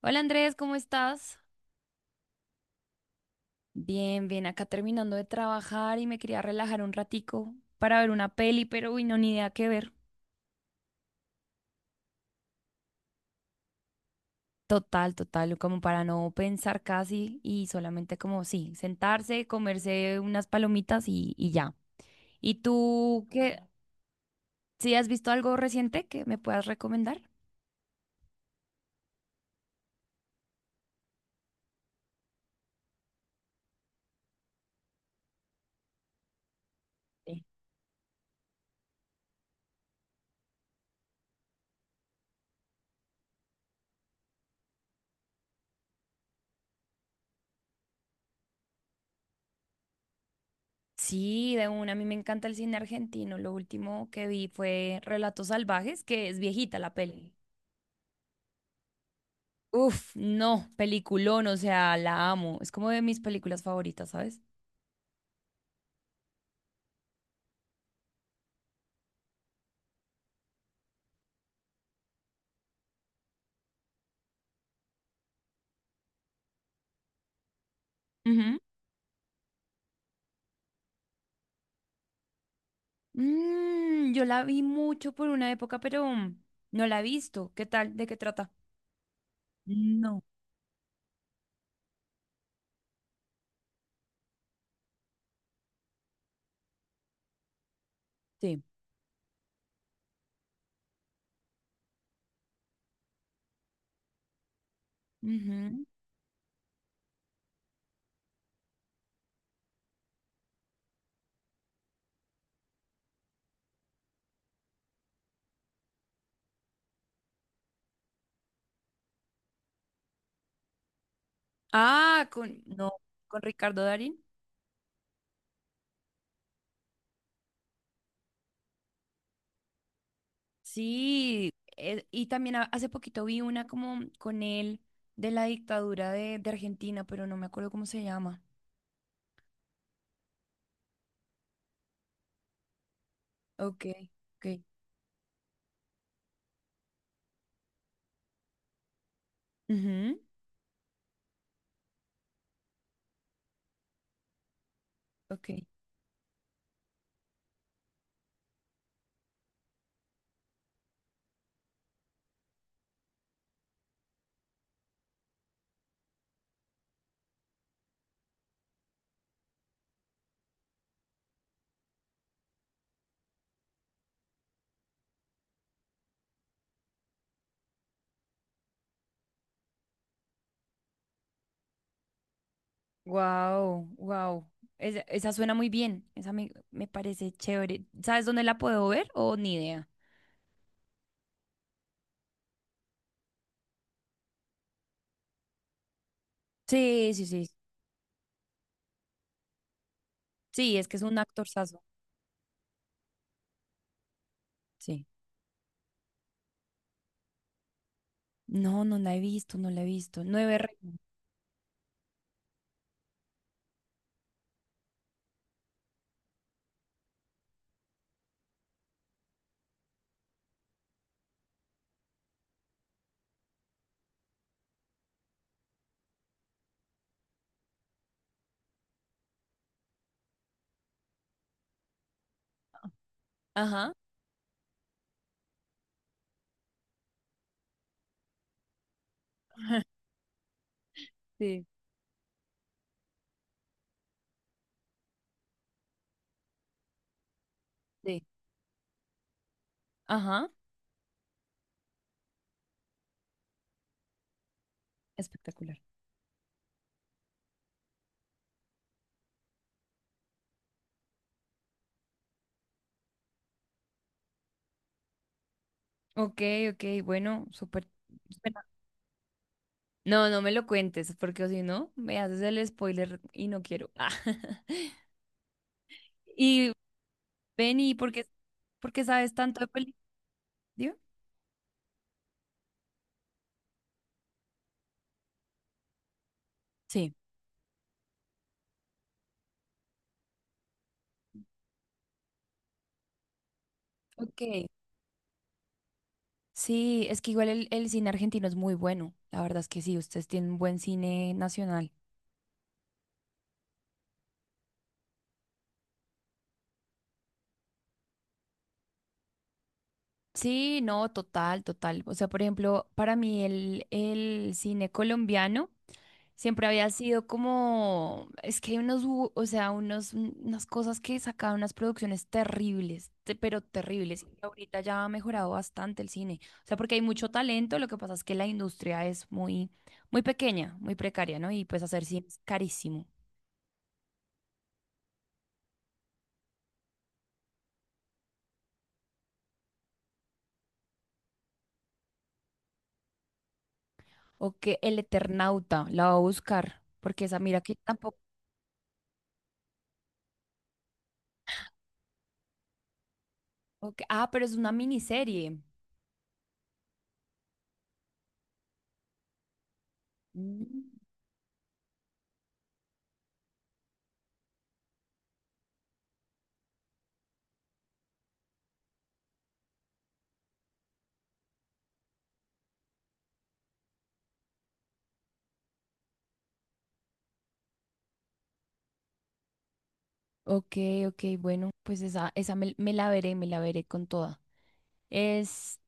Hola Andrés, ¿cómo estás? Bien, bien, acá terminando de trabajar y me quería relajar un ratico para ver una peli, pero uy, no, ni idea qué ver. Total, total, como para no pensar casi y solamente como sí, sentarse, comerse unas palomitas y ya. ¿Y tú qué? ¿Sí has visto algo reciente que me puedas recomendar? Sí, de una, a mí me encanta el cine argentino. Lo último que vi fue Relatos Salvajes, que es viejita la peli. Uf, no, peliculón, o sea, la amo. Es como de mis películas favoritas, ¿sabes? Ujú. Mm, yo la vi mucho por una época, pero no la he visto. ¿Qué tal? ¿De qué trata? No. Sí. Ujú. Ah, con, no, con Ricardo Darín. Sí, y también hace poquito vi una como con él de la dictadura de Argentina, pero no me acuerdo cómo se llama. Ok, ok. Ujú, ok. Wow, wow. Esa suena muy bien. Esa me, me parece chévere. ¿Sabes dónde la puedo ver? O ni idea. Sí, sí, sí. Sí, es que es un actorzazo. Sí. No, no la he visto, no la he visto. Ajá. Sí, sí. Ajá. Espectacular. Ok, ok, bueno, súper. suena- No, no me lo cuentes, porque si no, me haces el spoiler y no quiero. Ah. Y ven, ¿por qué sabes tanto de películas? Sí. Ok. Sí, es que igual el cine argentino es muy bueno. La verdad es que sí, ustedes tienen un buen cine nacional. Sí, no, total, total. O sea, por ejemplo, para mí el cine colombiano siempre había sido como, es que hay unos, o sea, unos, unas cosas que sacaban unas producciones terribles, pero terribles. Y ahorita ya ha mejorado bastante el cine. O sea, porque hay mucho talento, lo que pasa es que la industria es muy, muy pequeña, muy precaria, ¿no? Y pues hacer cine es carísimo. O que El Eternauta, la voy a buscar, porque esa, mira que tampoco. Ok, ah, pero es una miniserie. Mm, ok, ok, bueno, pues esa me, me la veré con toda. Es,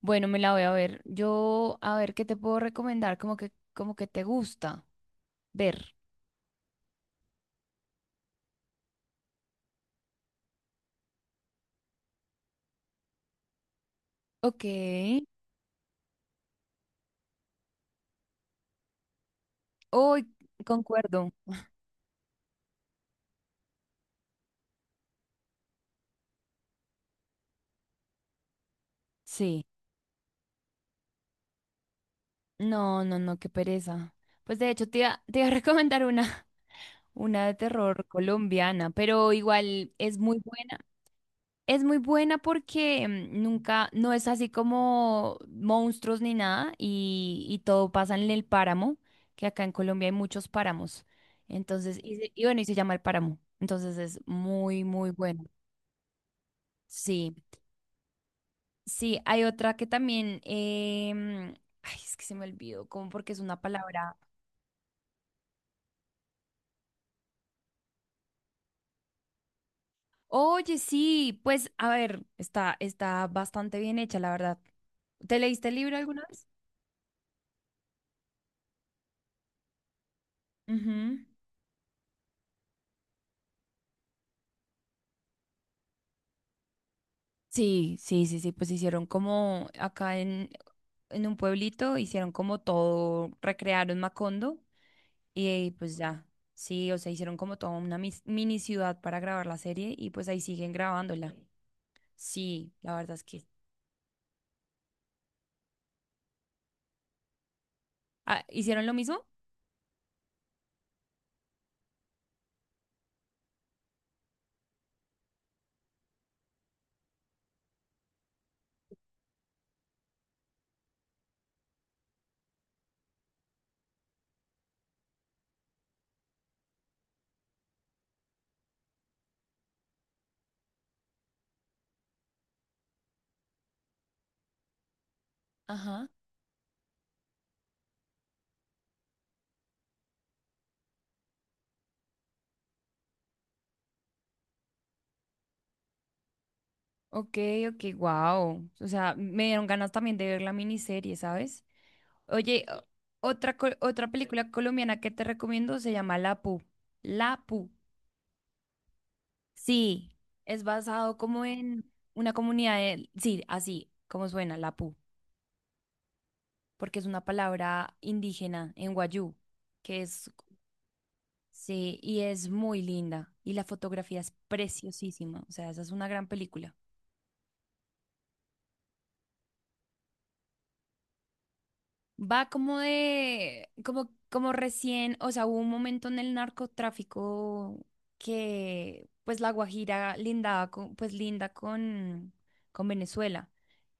bueno, me la voy a ver. Yo, a ver, ¿qué te puedo recomendar? Como que te gusta ver. Ok. Uy, concuerdo. Sí. No, no, no, qué pereza. Pues de hecho te iba a recomendar una, una de terror colombiana, pero igual es muy buena. Es muy buena porque nunca, no es así como monstruos ni nada y todo pasa en el páramo, que acá en Colombia hay muchos páramos. Entonces, y, y bueno, y se llama El Páramo. Entonces es muy, muy bueno. Sí, sí, hay otra que también, ay, es que se me olvidó, como porque es una palabra. Oye, sí, pues a ver, está, está bastante bien hecha, la verdad. ¿Te leíste el libro alguna vez? Ujú. Sí, sí, sí, sí, pues hicieron como acá en un pueblito, hicieron como todo, recrearon Macondo y pues ya, sí, o sea, hicieron como toda una mini ciudad para grabar la serie y pues ahí siguen grabándola. Sí, la verdad es que... Ah, ¿hicieron lo mismo? Ajá. Ok, ok, wow. O sea, me dieron ganas también de ver la miniserie, ¿sabes? Oye, otra, otra película colombiana que te recomiendo se llama La Pu. La Pu. Sí, es basado como en una comunidad de, sí, así como suena, Lapú, porque es una palabra indígena en Wayuu, que es, sí, y es muy linda, y la fotografía es preciosísima, o sea, esa es una gran película. Va como de, como, como recién, o sea, hubo un momento en el narcotráfico que pues La Guajira lindaba con, pues linda con Venezuela.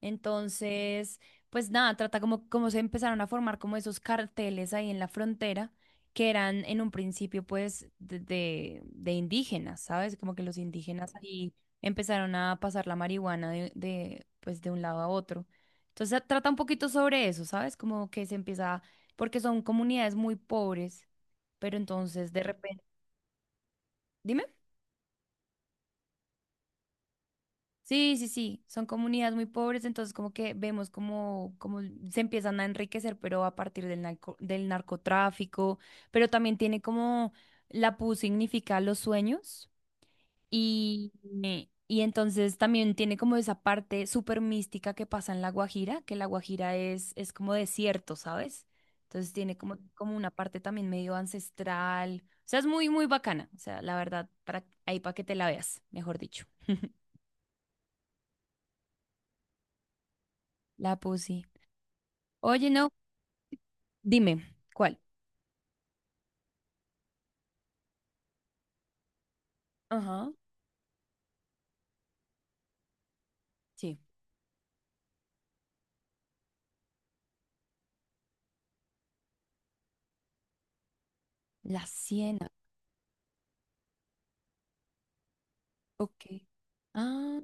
Entonces, pues nada, trata como, como se empezaron a formar como esos carteles ahí en la frontera, que eran en un principio pues de indígenas, ¿sabes? Como que los indígenas ahí empezaron a pasar la marihuana pues de un lado a otro. Entonces trata un poquito sobre eso, ¿sabes? Como que se empieza, porque son comunidades muy pobres, pero entonces de repente, dime. Sí, sí, sí, son comunidades muy pobres, entonces como que vemos como, como se empiezan a enriquecer, pero a partir del del narcotráfico, pero también tiene como la PU significa los sueños. Y, y entonces también tiene como esa parte súper mística que pasa en La Guajira, que La Guajira es como desierto, ¿sabes? Entonces tiene como, como una parte también medio ancestral. O sea, es muy, muy bacana. O sea, la verdad, para, ahí para que te la veas, mejor dicho. La Pussy. Oye, no, dime, ¿cuál? Ajá, sí. La Siena, ok. Ah,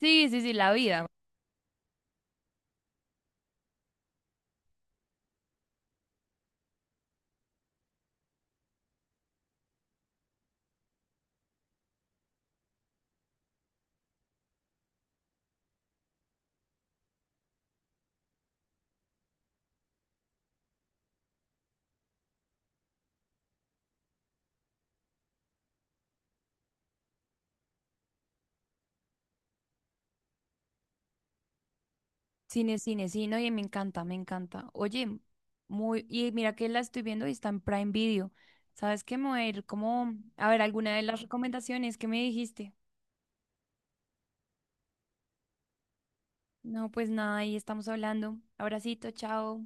sí, sí, sí, la vida. Cine, cine, sí, no, y me encanta, me encanta. Oye, muy, y mira que la estoy viendo y está en Prime Video. ¿Sabes qué? Me voy a ir como, a ver, alguna de las recomendaciones que me dijiste. No, pues nada, ahí estamos hablando. Abracito, chao.